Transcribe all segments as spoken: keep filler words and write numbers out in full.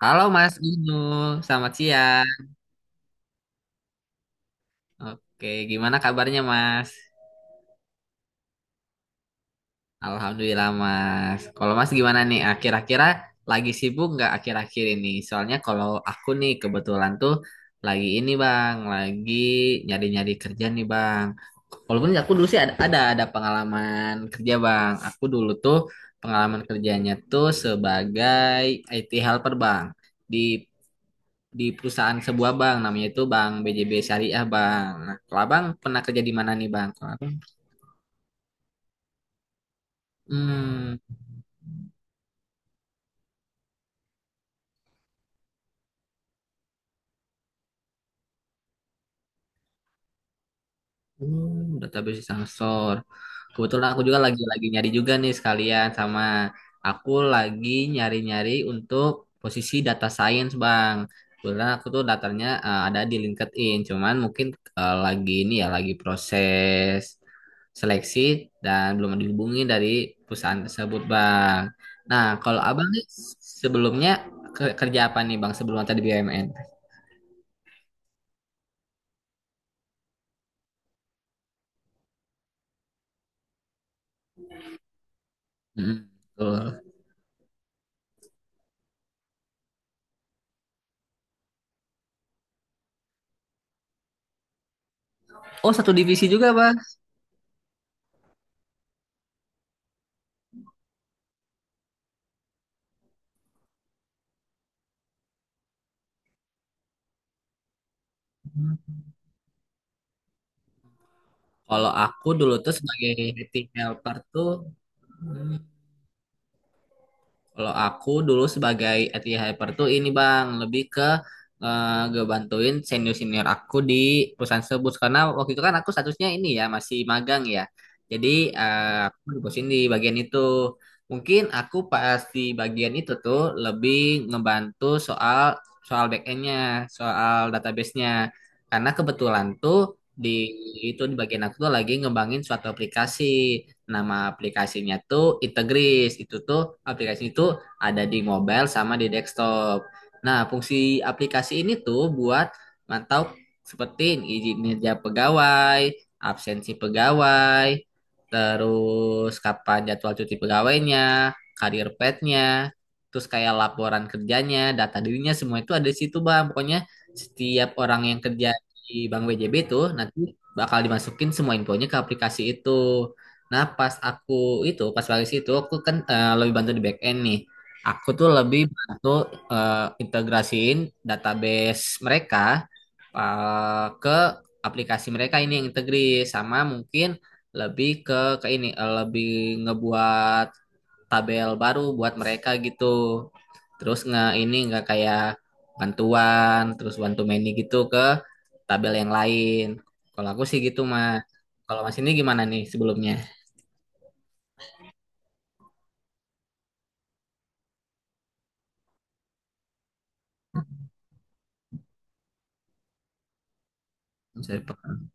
Halo Mas Inu, selamat siang. Oke, gimana kabarnya Mas? Alhamdulillah Mas. Kalau Mas gimana nih? Akhir-akhir lagi sibuk nggak akhir-akhir ini? Soalnya kalau aku nih kebetulan tuh lagi ini Bang, lagi nyari-nyari kerja nih Bang. Walaupun aku dulu sih ada, ada ada pengalaman kerja Bang. Aku dulu tuh pengalaman kerjanya tuh sebagai I T helper Bang di di perusahaan sebuah bank namanya itu Bank B J B Syariah Bang. Nah, kalau Abang pernah kerja di mana nih Bang? Kalau Abang, hmm, Hmm, database sensor. Kebetulan aku juga lagi lagi nyari juga nih sekalian sama aku lagi nyari-nyari untuk posisi data science, Bang. Kebetulan aku tuh datanya eh, ada di LinkedIn, cuman mungkin eh, lagi ini ya lagi proses seleksi dan belum dihubungi dari perusahaan tersebut, Bang. Nah, kalau Abang nih sebelumnya ke- kerja apa nih, Bang, sebelum tadi B U M N? Hmm, betul. Oh, satu divisi juga, Bang. Kalau aku dulu tuh sebagai I T helper tuh, hmm, kalau aku dulu sebagai I T helper tuh ini bang, lebih ke eh, ngebantuin senior-senior aku di perusahaan tersebut. Karena waktu itu kan aku statusnya ini ya, masih magang ya. Jadi eh, aku dibosin di bagian itu. Mungkin aku pas di bagian itu tuh lebih ngebantu soal soal back-endnya, soal database-nya. Karena kebetulan tuh di itu di bagian aku tuh lagi ngembangin suatu aplikasi. Nama aplikasinya tuh Integris. Itu tuh aplikasi itu ada di mobile sama di desktop. Nah, fungsi aplikasi ini tuh buat mantau seperti izin kerja pegawai, absensi pegawai, terus kapan jadwal cuti pegawainya, karir petnya, terus kayak laporan kerjanya, data dirinya semua itu ada di situ, Bang. Pokoknya setiap orang yang kerja di Bank B J B itu nanti bakal dimasukin semua infonya ke aplikasi itu. Nah, pas aku itu, pas baris itu, aku kan eh, lebih bantu di back end nih. Aku tuh lebih bantu eh, integrasiin database mereka eh, ke aplikasi mereka ini yang integri sama mungkin lebih ke ke ini eh, lebih ngebuat tabel baru buat mereka gitu. Terus nge ini nggak kayak bantuan, terus bantu many gitu ke tabel yang lain. Kalau aku sih gitu, Mas. Kalau Mas ini gimana nih sebelumnya? Saya pekan.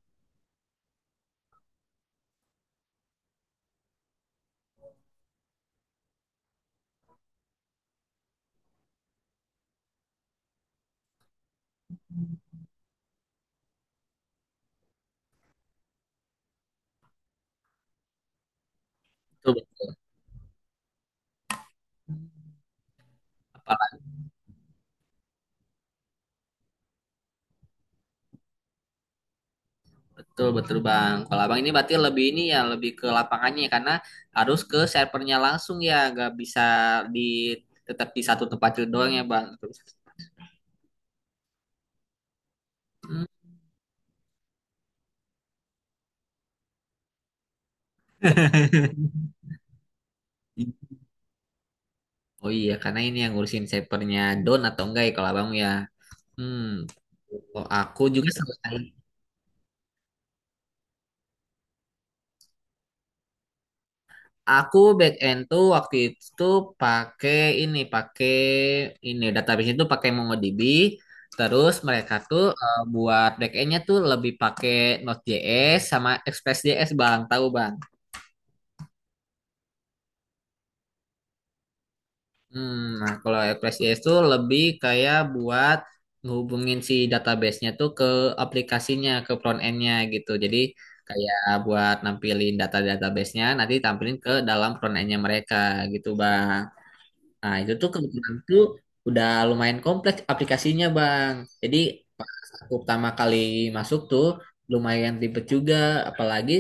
Betul, betul, betul, betul, Bang. Kalau Abang ini berarti lebih ini ya, lebih ke lapangannya ya, karena harus ke servernya langsung ya, nggak bisa di tetap di satu tempat itu doang ya, Bang. Hmm. Oh iya, karena ini yang ngurusin servernya down atau enggak ya kalau Abang ya. Hmm. Oh, aku juga sama. Aku back end tuh waktu itu pakai ini, pakai ini database itu pakai MongoDB. Terus mereka tuh eh, buat back endnya tuh lebih pakai Node.js sama Express.js bang, tahu bang? Hmm, nah kalau Express.js tuh lebih kayak buat ngehubungin si database-nya tuh ke aplikasinya, ke front end-nya gitu. Jadi kayak buat nampilin data database-nya, nanti tampilin ke dalam front end-nya mereka gitu bang. Nah, itu tuh kebetulan tuh udah lumayan kompleks aplikasinya, Bang. Jadi, pas aku pertama kali masuk tuh lumayan ribet juga, apalagi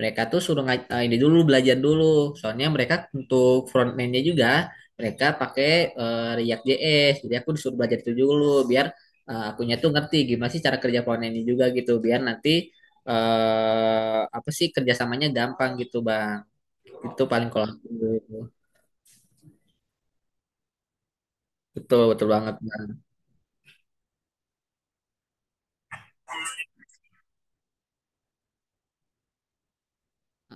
mereka tuh suruh ngaj- eh, ini dulu belajar dulu. Soalnya mereka untuk front end-nya juga mereka pakai eh, React J S. Jadi aku disuruh belajar itu dulu biar eh, akunya tuh ngerti gimana sih cara kerja front end-nya juga gitu, biar nanti eh apa sih kerjasamanya gampang gitu, Bang. Itu paling kalau aku. Betul, betul banget.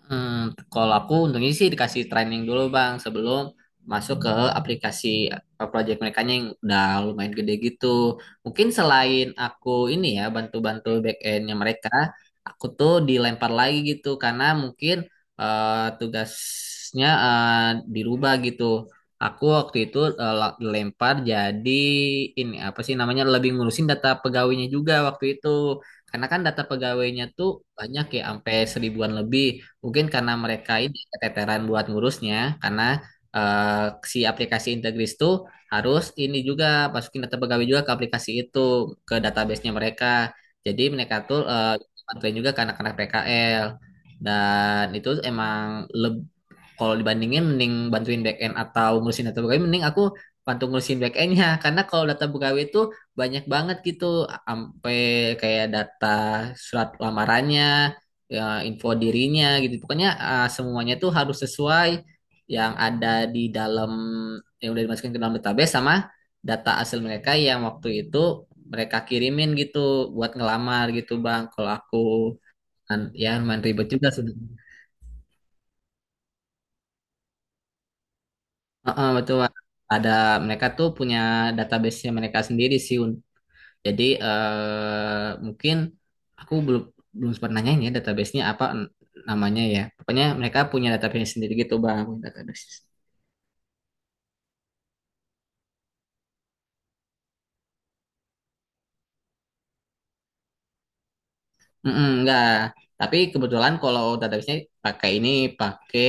Hmm, kalau aku untungnya sih dikasih training dulu bang sebelum masuk ke aplikasi eh, project mereka yang udah lumayan gede gitu. Mungkin selain aku ini ya bantu-bantu back endnya mereka, aku tuh dilempar lagi gitu karena mungkin eh, tugasnya eh, dirubah gitu. Aku waktu itu eh, la- dilempar jadi ini apa sih namanya lebih ngurusin data pegawainya juga waktu itu. Karena kan data pegawainya tuh banyak ya sampai seribuan lebih. Mungkin karena mereka ini keteteran buat ngurusnya, karena eh, si aplikasi Integris itu harus ini juga masukin data pegawai juga ke aplikasi itu, ke database-nya mereka. Jadi mereka tuh eh, bantuin juga ke anak-anak P K L. Dan itu emang leb- kalau dibandingin mending bantuin back end atau ngurusin data pegawai mending aku bantu ngurusin back endnya karena kalau data pegawai itu banyak banget gitu sampai kayak data surat lamarannya ya, info dirinya gitu pokoknya eh, semuanya tuh harus sesuai yang ada di dalam yang udah dimasukin ke dalam database sama data asal mereka yang waktu itu mereka kirimin gitu buat ngelamar gitu bang kalau aku kan, ya lumayan ribet juga sebenarnya. Heeh, betul. Ada mereka tuh punya database-nya mereka sendiri sih. Un. Jadi eh, mungkin aku belum belum sempat nanyain ya database-nya apa n- namanya ya. Pokoknya mereka punya database sendiri gitu bang. Database. Mm-mm, enggak. Tapi kebetulan kalau database-nya pakai ini pakai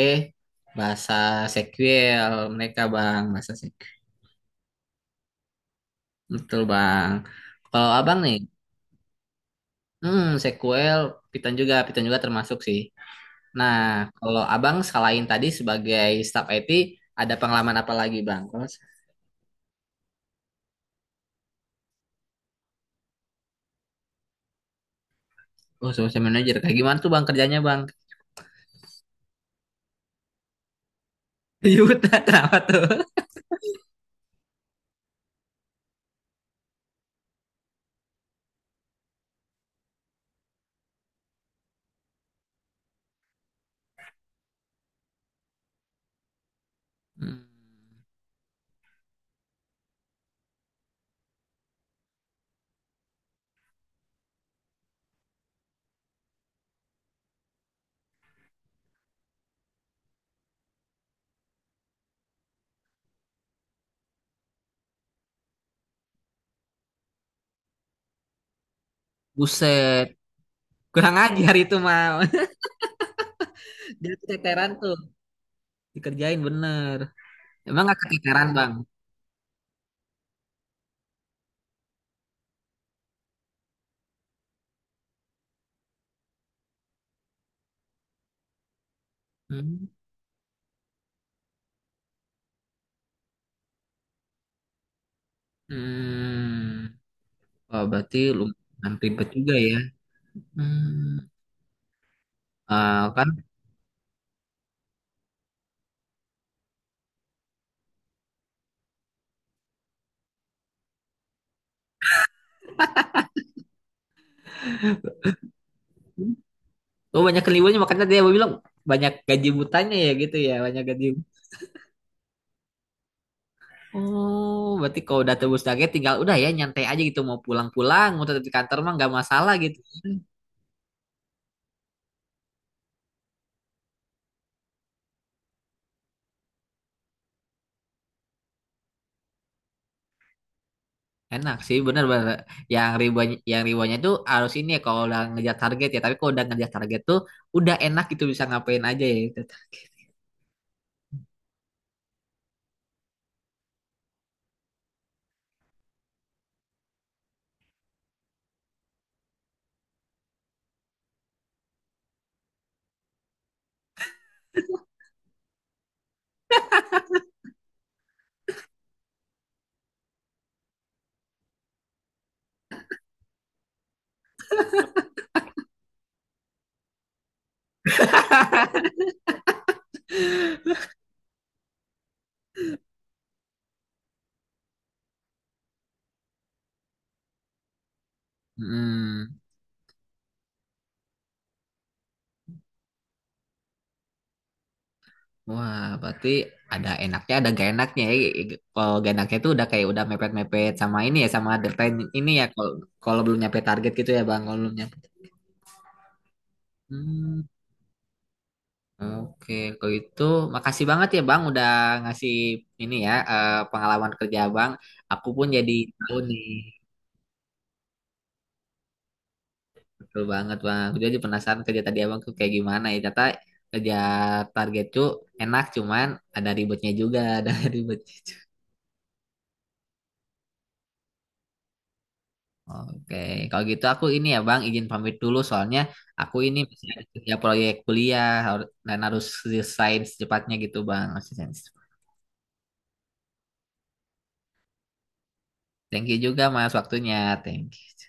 bahasa sekuel mereka bang bahasa sekuel. Betul bang. Kalau abang nih, hmm, sekuel Python juga Python juga termasuk sih. Nah, kalau Abang selain tadi sebagai staf I T, ada pengalaman apa lagi, Bang? Kalau s- Oh, social manager. Kayak gimana tuh, Bang, kerjanya, Bang? Yuta, kenapa tuh? Hmm, Buset, kurang ajar itu, mah. Dia keteteran tuh, dikerjain bener. Emang gak keteteran, Bang? Hmm. Hmm. Wah, berarti lumayan ribet juga ya. Hmm. Ah, kan, oh banyak keliwanya makanya dia bilang banyak gaji butanya ya gitu ya, banyak gaji. Oh, berarti kalau udah tebus target tinggal udah ya nyantai aja gitu mau pulang-pulang, mau tetap di kantor mah nggak masalah gitu. Enak sih bener-bener. Yang ribuan yang ribuannya tuh harus ini ya kalau udah ngejar target ya. Tapi kalau udah ngejar target tuh udah enak gitu bisa ngapain aja ya gitu. Hmm. Wah, berarti ada enaknya ada gak enaknya ya gitu. Kalau gak enaknya tuh udah kayak udah mepet-mepet sama ini ya sama deadline ini ya kalau kalau belum nyampe target gitu ya Bang, kalau belum nyampe. Hmm. Oke, kalau itu makasih banget ya Bang udah ngasih ini ya eh, pengalaman kerja Abang. Aku pun jadi tahu nih betul banget Bang. Aku jadi penasaran kerja tadi Abang tuh kayak gimana ya. Ternyata kerja target tuh enak cuman ada ribetnya juga, ada ribetnya juga. Oke, kalau gitu aku ini ya Bang izin pamit dulu soalnya aku ini masih ada kerja proyek kuliah har- dan harus selesai secepatnya gitu Bang. Harus selesai. Thank you juga Mas waktunya. Thank you.